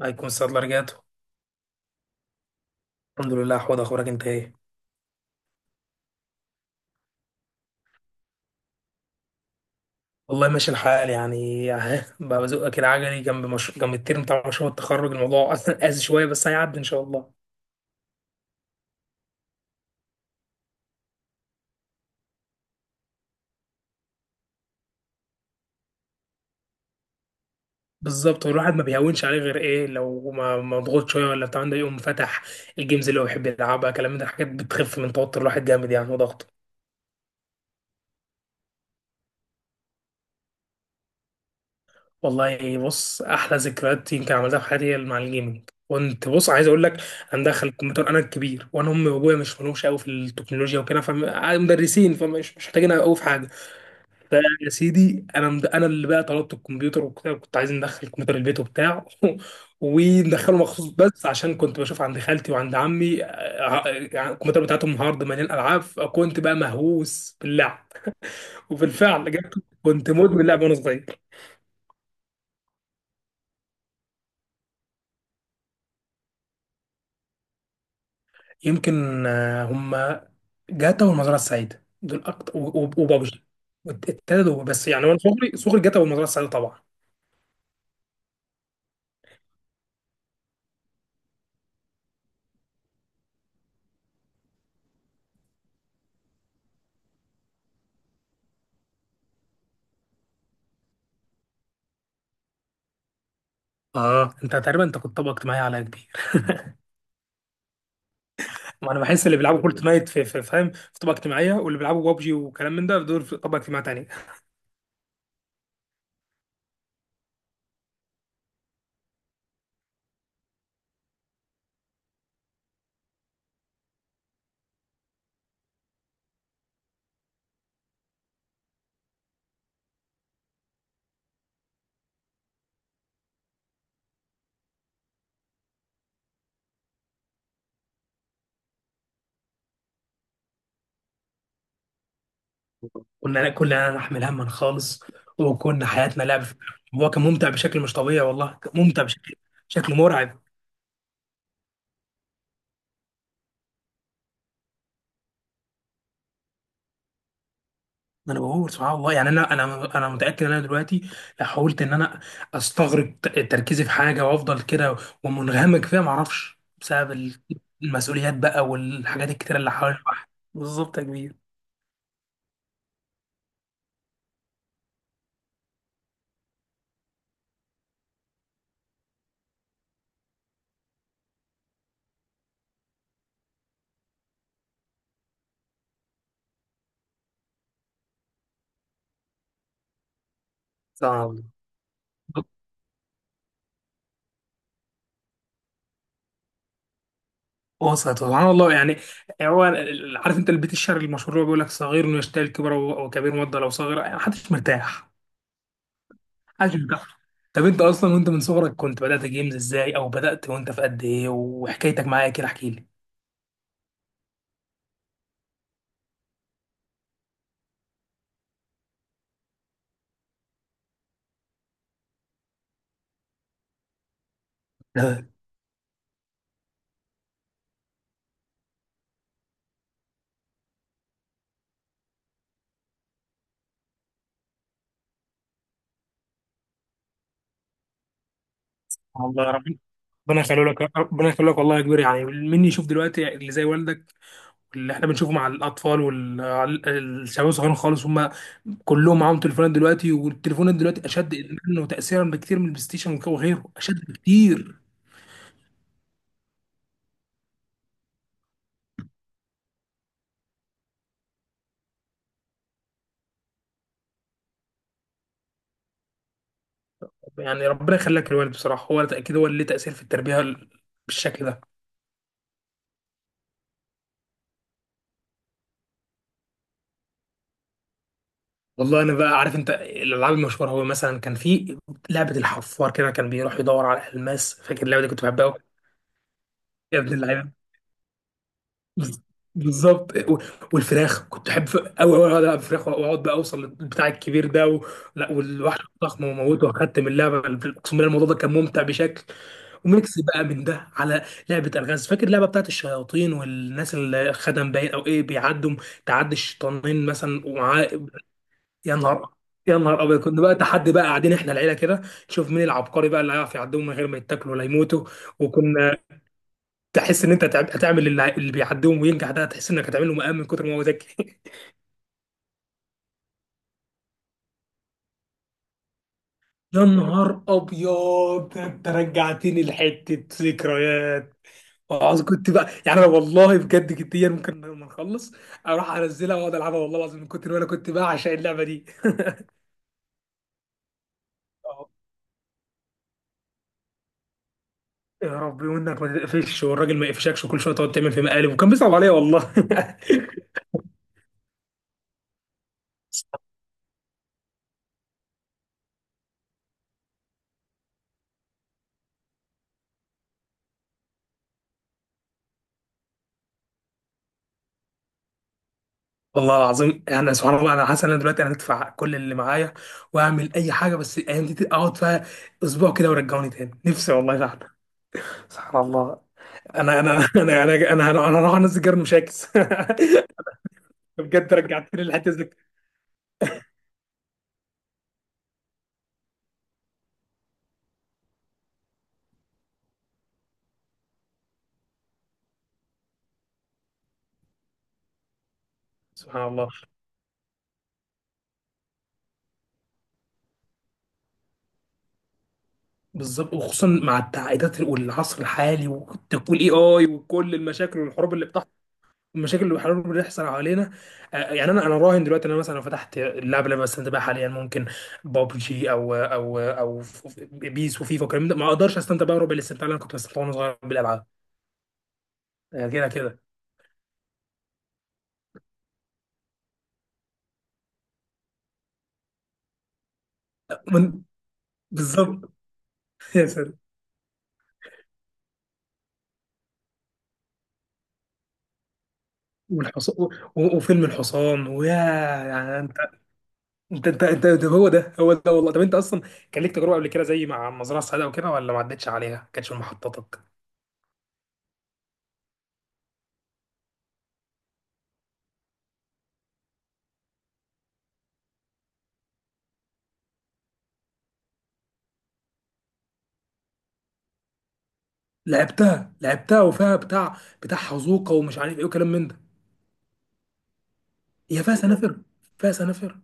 الله يكون صدر رجعته. الحمد لله، حوض اخبارك انت ايه؟ والله ماشي الحال يعني. اهي بقى بزقك العجلي جنب مش... جنب الترم بتاع مشروع التخرج، الموضوع اصلا قاسي شويه بس هيعدي ان شاء الله. بالظبط، والواحد ما بيهونش عليه غير ايه لو ما مضغوط شويه ولا بتاع ده، يقوم فتح الجيمز اللي هو بيحب يلعبها كلام من ده. الحاجات بتخف من توتر الواحد جامد يعني، وضغطه. والله بص، احلى ذكريات يمكن عملتها في حياتي هي مع الجيمنج. كنت بص عايز اقول لك، انا مدخل الكمبيوتر، انا الكبير وانا امي وابويا مش ملوش قوي في التكنولوجيا وكده، فمدرسين، فمش مش محتاجين قوي في حاجه. فيا سيدي انا اللي بقى طلبت الكمبيوتر وكده، كنت عايز ندخل الكمبيوتر البيت وبتاع وندخله مخصوص، بس عشان كنت بشوف عند خالتي وعند عمي. يعني الكمبيوتر بتاعتهم هارد مليان العاب، فكنت بقى مهووس باللعب. وبالفعل جبت، كنت مدمن لعب وانا صغير. يمكن آه، هم جاتا والمزرعه السعيده دول اكتر، وبابجي. التلاته دول بس يعني، وانا صغري صغري جاتا والمزرعه السعيده طبعا. اه، انت تقريبا انت كنت طبقه اجتماعيه على كبير. ما انا بحس اللي بيلعبوا فورتنايت فاهم، في طبقه اجتماعيه، واللي بيلعبوا بابجي وكلام من ده دول في طبقه اجتماعيه تانيه. كنا نحمل هما خالص، وكنا حياتنا لعب. هو كان ممتع بشكل مش طبيعي، والله كان ممتع بشكل مرعب. ما انا بقول سبحان الله يعني، انا متاكد ان انا دلوقتي لو حاولت ان انا استغرق تركيزي في حاجه وافضل كده ومنغمك فيها، ما اعرفش، بسبب المسؤوليات بقى والحاجات الكتيره اللي حوالين الواحد. بالظبط يا كبير. سبحان الله. وسط سبحان الله يعني، هو عارف انت البيت الشعري المشهور اللي هو بيقول لك صغير يشتهي الكبر، و- وكبير مضى لو صغير؟ يعني محدش مرتاح، محدش مرتاح. طب انت اصلا وانت من صغرك كنت بدات جيمز ازاي؟ او بدات وانت في قد ايه؟ وحكايتك معايا كده احكي لي. لا والله. ربنا يخليه لك، ربنا يخليه لك، والله يا كبير. يعني مني يشوف دلوقتي اللي زي والدك؟ اللي احنا بنشوفه مع الاطفال والشباب الصغيرين خالص، هم كلهم معاهم تليفونات دلوقتي، والتليفونات دلوقتي اشد ادمانا وتاثيرا بكتير من البلاي ستيشن وغيره، اشد بكتير. يعني ربنا يخليك للوالد بصراحه، هو اكيد هو اللي ليه تاثير في التربيه بالشكل ده. والله انا بقى عارف انت الالعاب المشهوره. هو مثلا كان في لعبه الحفار، كده كان بيروح يدور على الماس، فاكر اللعبه دي؟ كنت بحبها أوي. يا ابن اللعيبه. بز- بالظبط. و- والفراخ كنت احب قوي قوي، اقعد العب فراخ واقعد بقى اوصل للبتاع الكبير ده و... لا، والوحش الضخم وموته. واخدت من اللعبه، اقسم بالله الموضوع ده كان ممتع بشكل. وميكس بقى من ده على لعبه الغاز، فاكر اللعبه بتاعت الشياطين والناس اللي خدم باين او ايه بيعدوا، تعدي الشيطانين مثلا ومعاه. يا نهار يا نهار ابيض، كنا بقى تحدي بقى قاعدين احنا العيله كده، نشوف مين العبقري بقى اللي هيعرف يعدهم من غير ما يتاكلوا ولا يموتوا. وكنا تحس ان انت هتعمل، اللي بيعديهم وينجح ده، تحس انك هتعمله مقام من كتر ما هو ذكي. يا نهار ابيض، ده انت رجعتني لحته ذكريات. وعاوز كنت بقى يعني، انا والله بجد جديا ممكن لما نخلص اروح انزلها واقعد العبها، والله العظيم من كتر ما انا كنت بعشق اللعبه دي. آه، يا ربي، وانك ما تقفش والراجل ما يقفشكش، وكل شويه تقعد تعمل في مقالب، وكان بيصعب عليا والله. والله العظيم يعني سبحان الله، انا حاسس ان انا دلوقتي انا هدفع كل اللي معايا واعمل اي حاجه، بس الايام دي اقعد فيها اسبوع كده ورجعوني تاني، نفسي والله فعلا. سبحان الله. انا انا انا انا انا راح انزل جرن مشاكس. بجد رجعتني للحته دي. سبحان الله. بالظبط، وخصوصا مع التعقيدات والعصر الحالي، وتقول اي وكل المشاكل والحروب اللي بتحصل، المشاكل اللي بيحاولوا بيحصل حوالينا. يعني انا راهن دلوقتي ان انا مثلا لو فتحت اللعبه اللي انا بستمتع بيها حاليا، ممكن بابجي او بيس وفيفا والكلام ده، ما اقدرش استمتع بقى ربع الاستمتاع اللي انا كنت بستمتع وانا صغير بالالعاب. كده كده من بالظبط. يا ساتر. والحصان، و- و- وفيلم الحصان ويا. يعني انت ده هو ده هو ده والله. طب انت اصلا كان ليك تجربه قبل كده زي مع مزرعه السعاده وكده، ولا ما عدتش عليها؟ ما كانتش من محطاتك؟ لعبتها، لعبتها، وفيها بتاع حزوقه ومش عارف ايه، وكلام من ده. هي فيها سنافر، فيها سنافر.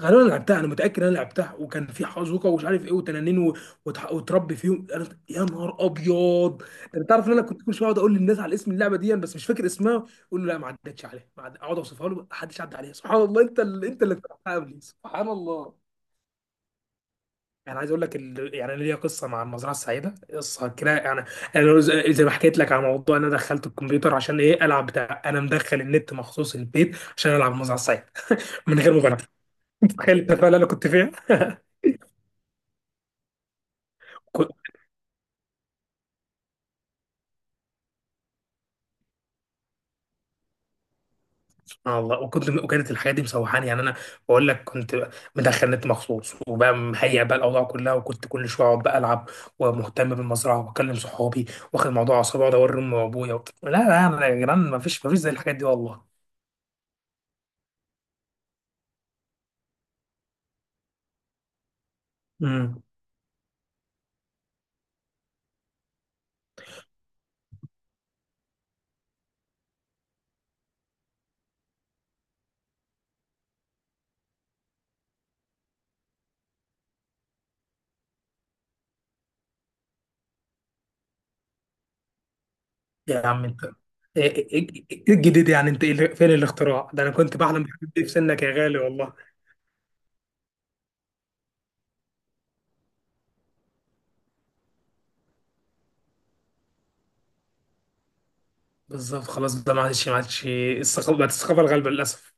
غالبا انا لعبتها، انا متاكد انا لعبتها، وكان في حزوكه ومش عارف ايه، وتنانين وتربي فيهم أنا... يا نهار ابيض. انت تعرف ان انا كنت كل شويه اقعد اقول للناس على اسم اللعبه دي بس مش فاكر اسمها، يقول لي لا ما عدتش عليها، ما عد- اقعد اوصفها له، ما حدش عدى عليها. سبحان الله، انت اللي اخترعتها قبلي. سبحان الله. يعني عايز اقول لك يعني أنا ليا قصه مع المزرعه السعيده، قصه كده يعني. انا زي ما حكيت لك على موضوع ان انا دخلت الكمبيوتر عشان ايه؟ العب بتاع. انا مدخل النت مخصوص البيت عشان العب المزرعه السعيده، من غير مبالغه، متخيل التفاهه اللي انا كنت فيها. كنت، والله، وكنت، وكانت الحاجات دي مسوحاني يعني انا، بقول لك كنت مدخل نت مخصوص وبقى مهيئ بقى الاوضاع كلها، وكنت كل شويه اقعد بقى العب ومهتم بالمزرعه واكلم صحابي، واخد الموضوع على صعوبه، واقعد اوري امي وابويا لا لا، أنا يا جدعان، ما فيش ما فيش زي الحاجات دي والله. امم يا عم انت، ايه إيه- إيه إيه، إيه الجديد يعني؟ انت إيه فين الاختراع ده؟ انا كنت بحلم بالحاجات دي في سنك يا غالي والله. بالظبط، خلاص ده ما عادش الثقافه، بقت الثقافه الغالبه للاسف.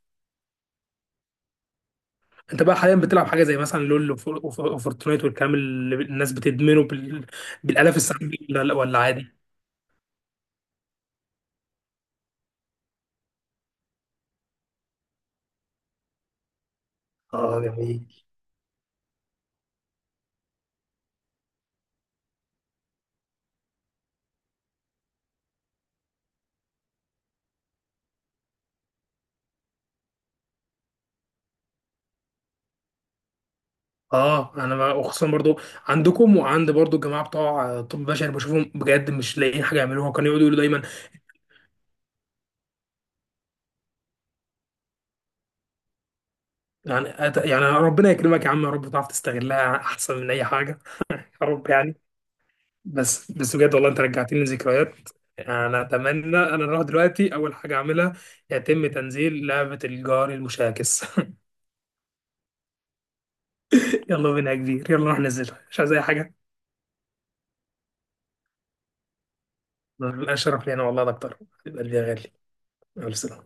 انت بقى حاليا بتلعب حاجه زي مثلا لول وفورتنايت، والكلام اللي الناس بتدمنه بالالاف السنين دي، ولا لا، ولا عادي؟ اه جميل. اه، وخصوصا برضو عندكم، وعند برضو الجماعه بتوع طب بشري، بشوفهم بجد مش لاقيين حاجه يعملوها، وكانوا يقعدوا يقولوا دايما. يعني يعني ربنا يكرمك يا عم، يا رب تعرف تستغلها احسن من اي حاجه. يا رب يعني. بس بجد والله، انت رجعتني لذكريات. انا اتمنى انا اروح دلوقتي اول حاجه اعملها يتم تنزيل لعبه الجار المشاكس. يلا بينا يا كبير، يلا نروح ننزلها، مش عايز اي حاجه. لا، شرف لينا والله، ده اكتر، يبقى قلبي يا غالي. يلا سلام.